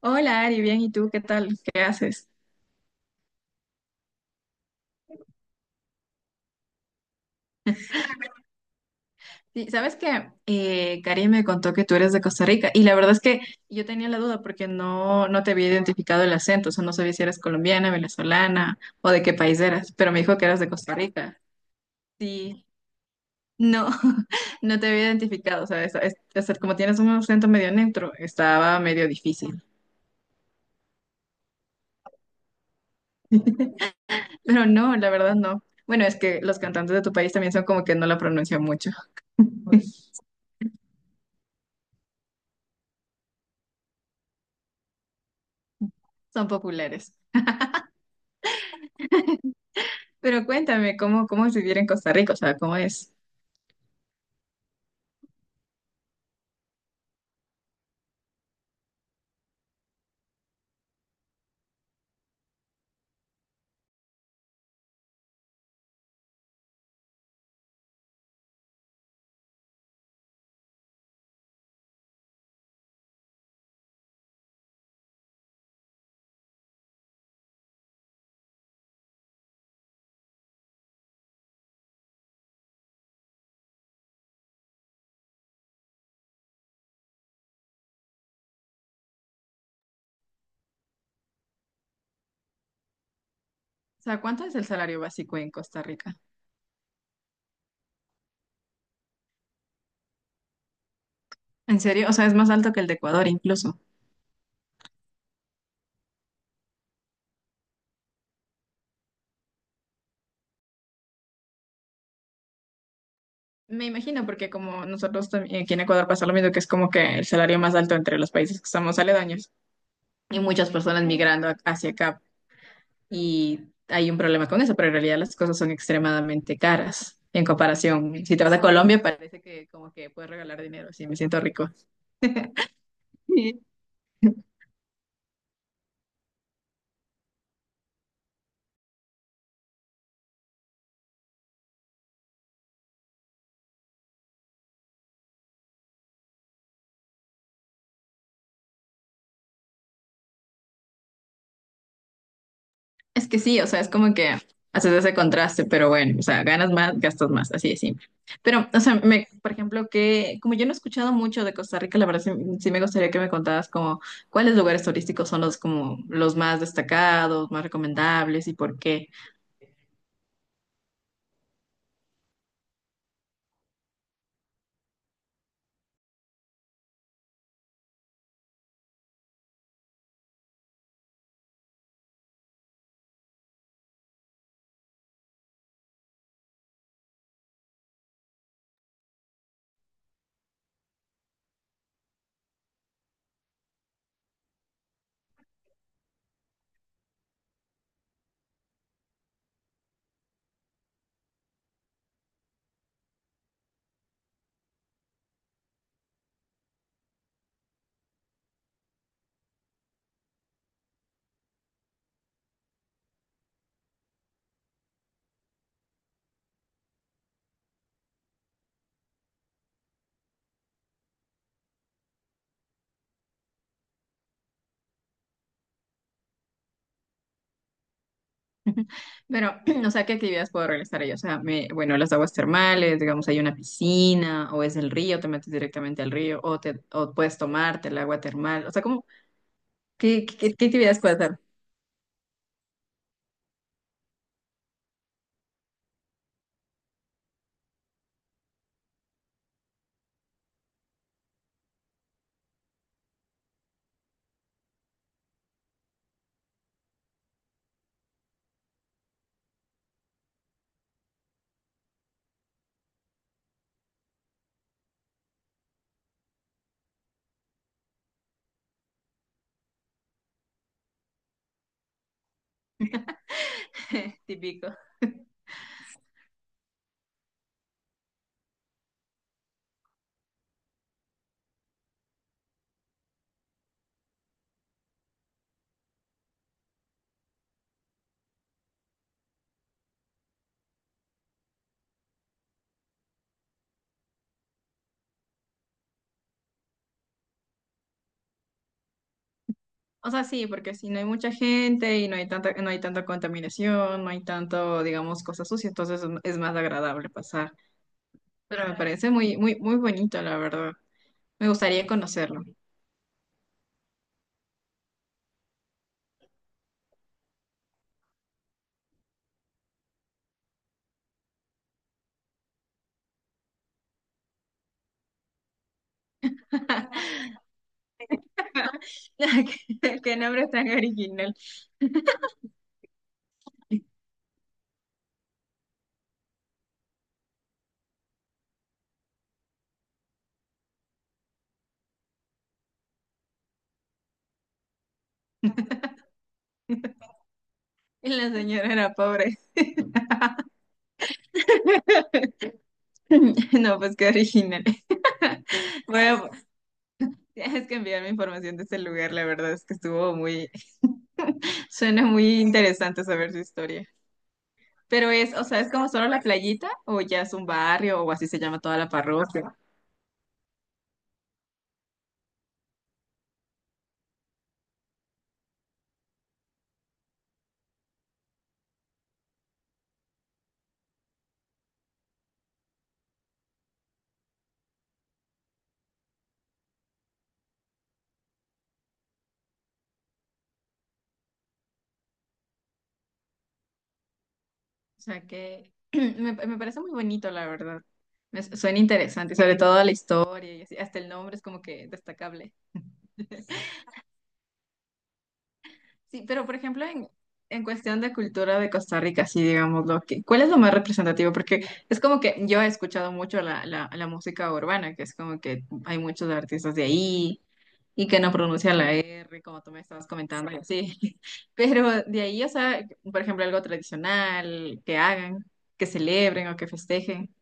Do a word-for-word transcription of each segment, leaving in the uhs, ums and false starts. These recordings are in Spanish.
Hola Ari, bien, ¿y tú qué tal? ¿Qué haces? Sí, sabes que eh, Karim me contó que tú eres de Costa Rica y la verdad es que yo tenía la duda porque no, no te había identificado el acento, o sea, no sabía si eras colombiana, venezolana o de qué país eras, pero me dijo que eras de Costa Rica. Sí, no, no te había identificado, o sea, es- es- o sea, como tienes un acento medio neutro, estaba medio difícil, pero no, la verdad no. Bueno, es que los cantantes de tu país también son como que no la pronuncian mucho, son populares. Pero cuéntame, ¿cómo, cómo es vivir en Costa Rica? O sea, ¿cómo es? O sea, ¿cuánto es el salario básico en Costa Rica? ¿En serio? O sea, es más alto que el de Ecuador incluso. Me imagino, porque como nosotros también aquí en Ecuador pasa lo mismo, que es como que el salario más alto entre los países que estamos aledaños y muchas personas migrando a- hacia acá. Y hay un problema con eso, pero en realidad las cosas son extremadamente caras en comparación. Si te vas a Colombia, parece que como que puedes regalar dinero, sí, me siento rico. Es que sí, o sea, es como que haces ese contraste, pero bueno, o sea, ganas más, gastas más, así de simple. Pero, o sea, me, por ejemplo, que como yo no he escuchado mucho de Costa Rica, la verdad sí, sí me gustaría que me contaras como cuáles lugares turísticos son los como los más destacados, más recomendables y por qué. Pero, o sea, ¿qué actividades puedo realizar ahí? O sea, me- bueno, las aguas termales, digamos, hay una piscina o es el río, te metes directamente al río o te o puedes tomarte el agua termal, o sea, como qué, qué, qué actividades puedes hacer? Típico. O sea, sí, porque si no hay mucha gente y no hay tanta, no hay tanta contaminación, no hay tanto, digamos, cosas sucias, entonces es es más agradable pasar. Pero me parece muy, muy, muy bonito, la verdad. Me gustaría conocerlo. Qué qué nombre tan original. Y la señora era pobre. No, pues qué original. Bueno, tienes que enviarme información de ese lugar, la verdad es que estuvo muy, suena muy interesante saber su historia. Pero es, o sea, es como solo la playita o ya es un barrio o así se llama toda la parroquia. O sea que me, me parece muy bonito, la verdad. Me su- suena interesante, sobre todo la historia y así. Hasta el nombre es como que destacable. Sí, pero por ejemplo, en, en cuestión de cultura de Costa Rica, sí, digámoslo, que, ¿cuál es lo más representativo? Porque es como que yo he escuchado mucho la, la, la música urbana, que es como que hay muchos artistas de ahí y que no pronuncian la R, como tú me estabas comentando, y así. Pero de ahí, o sea, por ejemplo, algo tradicional que hagan, que celebren o que festejen.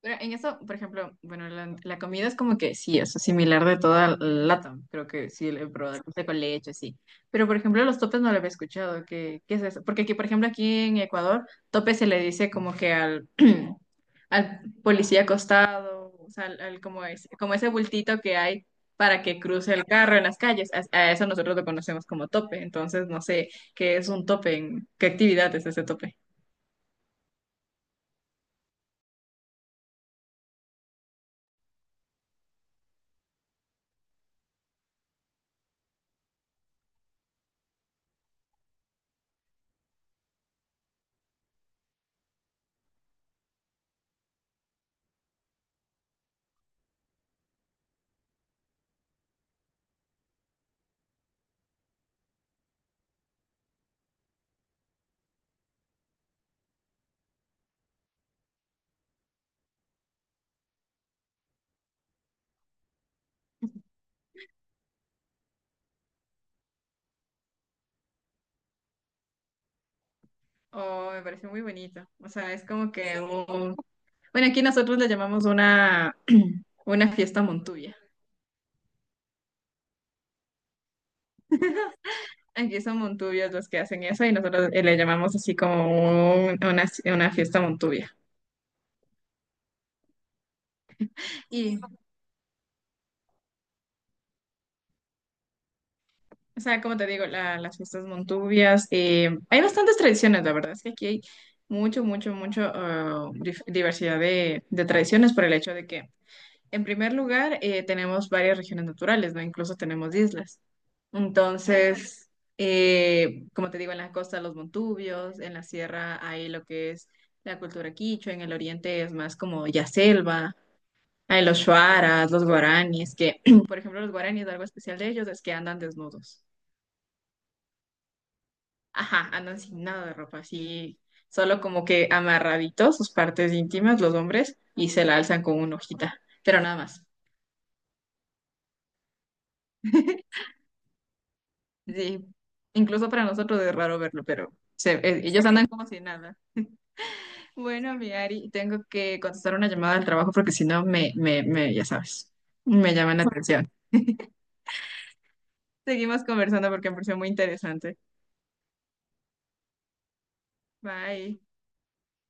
Pero en eso, por ejemplo, bueno, la, la comida es como que sí, es similar de toda LATAM. Creo que sí, el probado café con leche, sí. Pero, por ejemplo, los topes no lo había escuchado. ¿Qué, qué es eso? Porque aquí, por ejemplo, aquí en Ecuador, tope se le dice como que al, al policía acostado, o sea, al, al- como, es, como ese bultito que hay para que cruce el carro en las calles. A, a eso nosotros lo conocemos como tope. Entonces, no sé qué es un tope, en- qué actividad es ese tope. Oh, me pareció muy bonito. O sea, es como que un. Bueno, aquí nosotros le llamamos una, una fiesta Montuvia. Aquí son Montuvios los que hacen eso y nosotros eh, le llamamos así como un- una, una fiesta Montuvia. Y, o sea, como te digo, la- las fiestas Montuvias, eh, hay bastantes tradiciones, la verdad es que aquí hay mucho, mucho, mucho ah, dif- diversidad de, de tradiciones por el hecho de que, en primer lugar, eh, tenemos varias regiones naturales, ¿no? Incluso tenemos islas. Entonces, eh, como te digo, en las costas los montubios, en la sierra hay lo que es la cultura quichua, en el oriente es más como ya selva, hay los shuaras, los guaraníes, que por ejemplo los guaraníes, algo especial de ellos es que andan desnudos. Ajá, andan sin nada de ropa, así, solo como que amarraditos sus partes íntimas, los hombres, y se la alzan con una hojita, pero nada más. Sí, incluso para nosotros es raro verlo, pero se- eh, ellos andan como si nada. Bueno, mi Ari, tengo que contestar una llamada al trabajo porque si no me, me, me, ya sabes, me llaman la atención. Seguimos conversando porque me pareció muy interesante. Bye.